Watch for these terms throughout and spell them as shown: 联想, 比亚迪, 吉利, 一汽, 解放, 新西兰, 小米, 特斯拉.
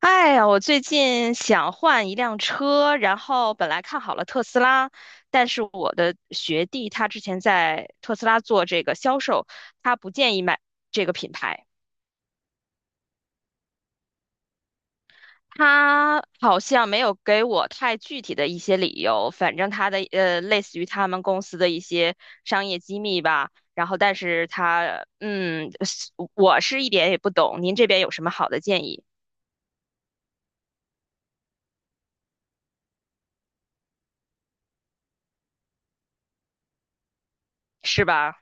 哎呀，我最近想换一辆车，然后本来看好了特斯拉，但是我的学弟他之前在特斯拉做这个销售，他不建议买这个品牌。他好像没有给我太具体的一些理由，反正他的类似于他们公司的一些商业机密吧。然后但是他嗯，是我是一点也不懂，您这边有什么好的建议是吧？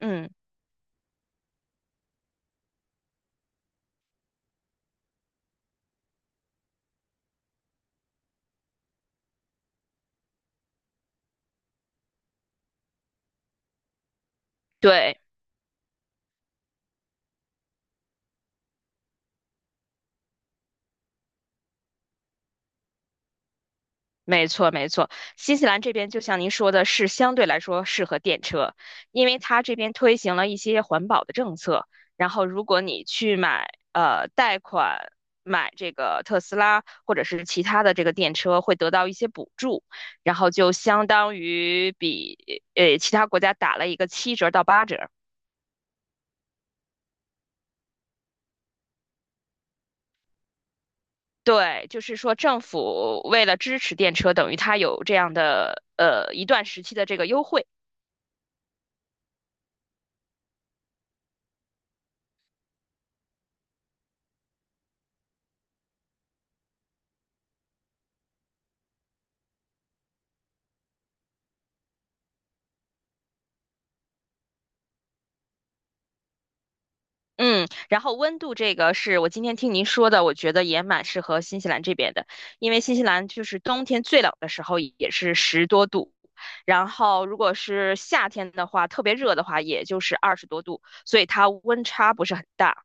嗯，对。没错，没错。新西兰这边就像您说的，是相对来说适合电车，因为它这边推行了一些环保的政策。然后，如果你去贷款买这个特斯拉或者是其他的这个电车，会得到一些补助，然后就相当于比其他国家打了一个七折到八折。对，就是说政府为了支持电车，等于它有这样的一段时期的这个优惠。嗯，然后温度这个是我今天听您说的，我觉得也蛮适合新西兰这边的，因为新西兰就是冬天最冷的时候也是十多度，然后如果是夏天的话，特别热的话，也就是20多度，所以它温差不是很大。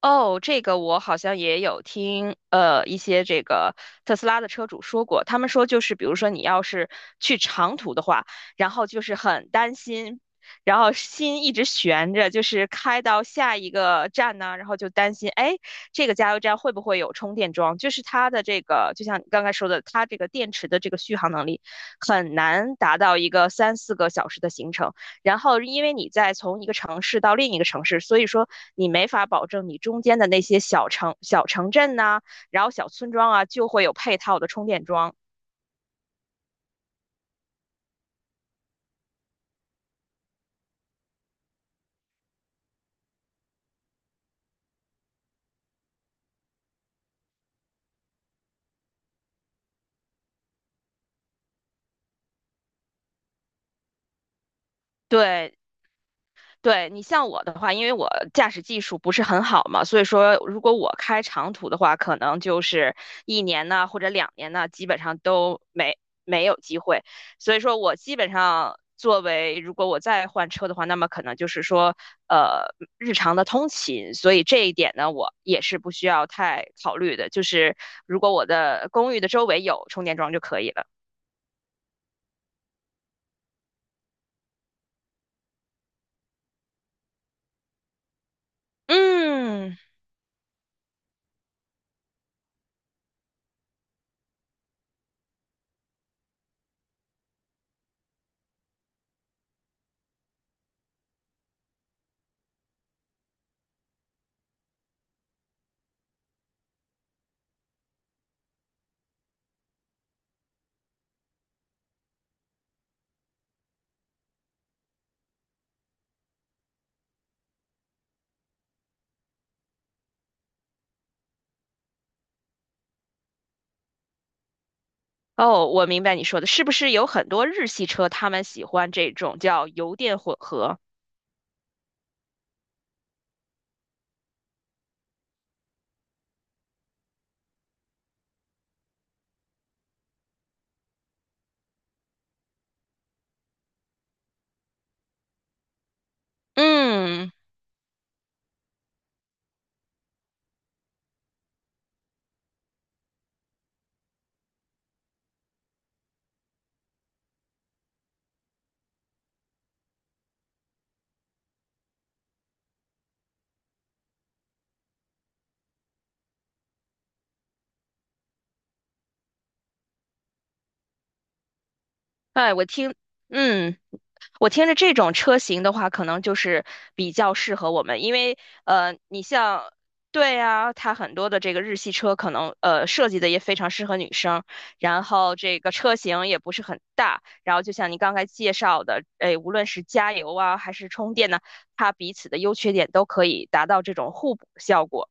哦，这个我好像也有听，一些这个特斯拉的车主说过，他们说就是，比如说你要是去长途的话，然后就是很担心，然后心一直悬着，就是开到下一个站呢，然后就担心，哎，这个加油站会不会有充电桩？就是它的这个，就像你刚才说的，它这个电池的这个续航能力很难达到一个三四个小时的行程。然后因为你在从一个城市到另一个城市，所以说你没法保证你中间的那些小城、小城镇呐、然后小村庄啊，就会有配套的充电桩。对，对你像我的话，因为我驾驶技术不是很好嘛，所以说如果我开长途的话，可能就是一年呢或者两年呢，基本上都没有机会。所以说我基本上作为如果我再换车的话，那么可能就是说呃日常的通勤，所以这一点呢，我也是不需要太考虑的，就是如果我的公寓的周围有充电桩就可以了。嗯。哦，我明白你说的，是不是有很多日系车他们喜欢这种叫油电混合？嗯，哎，嗯，我听着这种车型的话，可能就是比较适合我们，因为你像，对啊，它很多的这个日系车可能设计的也非常适合女生，然后这个车型也不是很大，然后就像你刚才介绍的，哎，无论是加油啊还是充电呢，它彼此的优缺点都可以达到这种互补效果。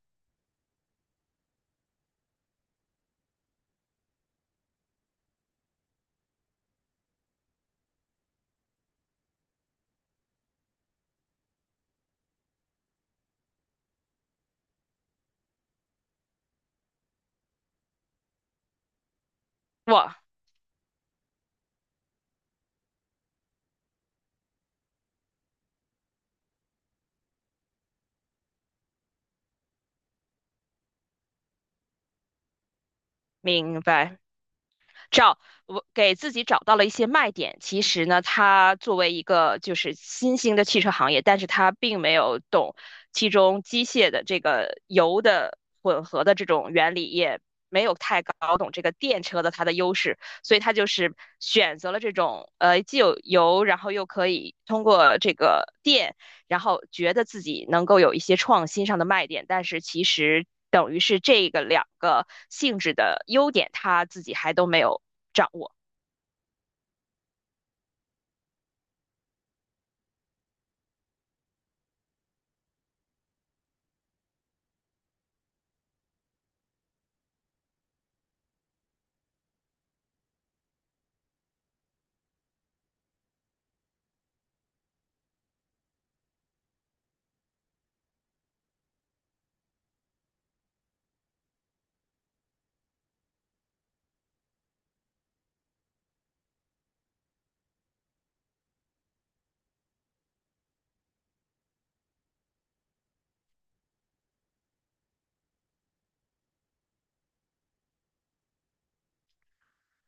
哇，明白，找我给自己找到了一些卖点。其实呢，它作为一个就是新兴的汽车行业，但是它并没有懂其中机械的这个油的混合的这种原理，也没有太搞懂这个电车的它的优势，所以它就是选择了这种既有油，然后又可以通过这个然后觉得自己能够有一些创新上的卖点，但是其实等于是这个两个性质的优点，他自己还都没有掌握。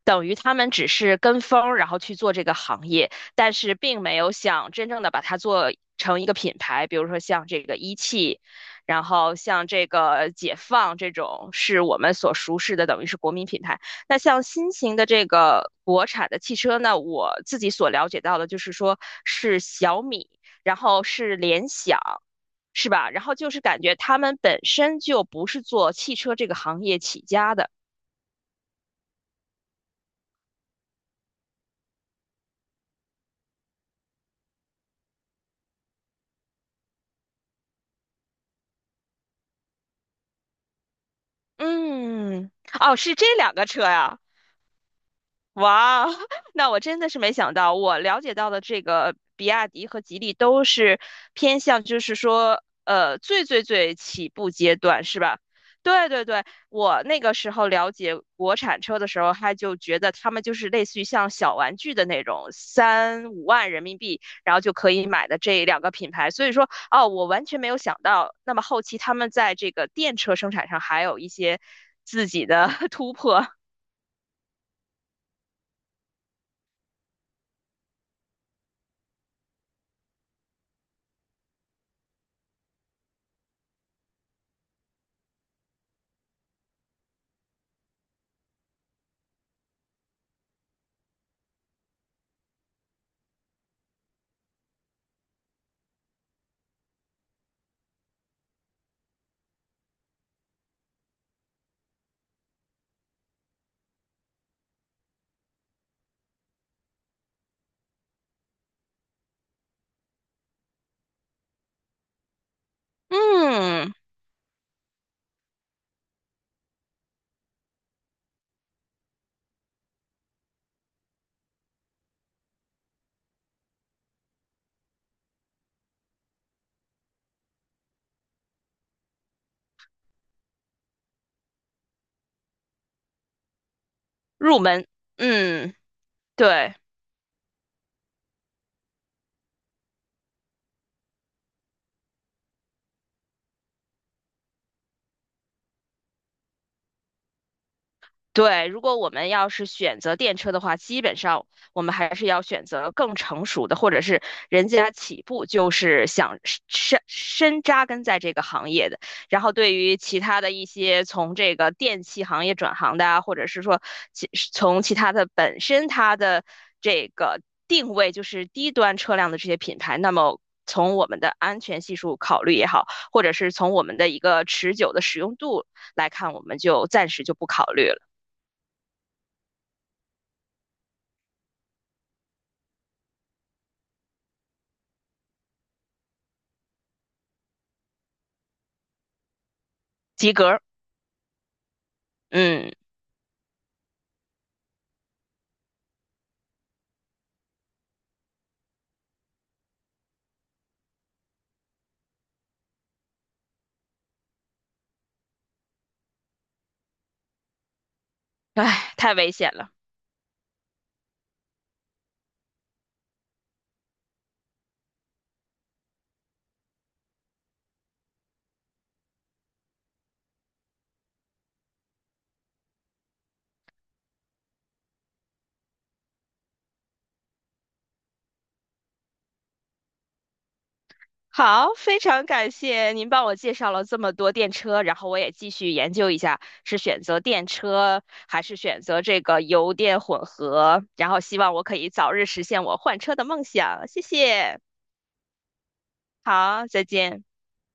等于他们只是跟风然后去做这个行业，但是并没有想真正的把它做成一个品牌，比如说像这个一汽，然后像这个解放这种是我们所熟识的，等于是国民品牌。那像新型的这个国产的汽车呢，我自己所了解到的就是说是小米，然后是联想。是吧？然后就是感觉他们本身就不是做汽车这个行业起家的，嗯，哦，是这两个车呀。哇，那我真的是没想到，我了解到的这个比亚迪和吉利都是偏向，就是说，最最最起步阶段，是吧？对对对，我那个时候了解国产车的时候，他就觉得他们就是类似于像小玩具的那种，三五万人民币，然后就可以买的这两个品牌。所以说，哦，我完全没有想到，那么后期他们在这个电车生产上还有一些自己的 突破。嗯，入门，嗯，对。对，如果我们要是选择电车的话，基本上我们还是要选择更成熟的，或者是人家起步就是想深深扎根在这个行业的。然后对于其他的一些从这个电器行业转行的啊，或者是说从其他的本身它的这个定位就是低端车辆的这些品牌，那么从我们的安全系数考虑也好，或者是从我们的一个持久的使用度来看，我们就暂时就不考虑了。及格。嗯，哎，太危险了。好，非常感谢您帮我介绍了这么多电车，然后我也继续研究一下是选择电车还是选择这个油电混合，然后希望我可以早日实现我换车的梦想。谢谢，好，再见。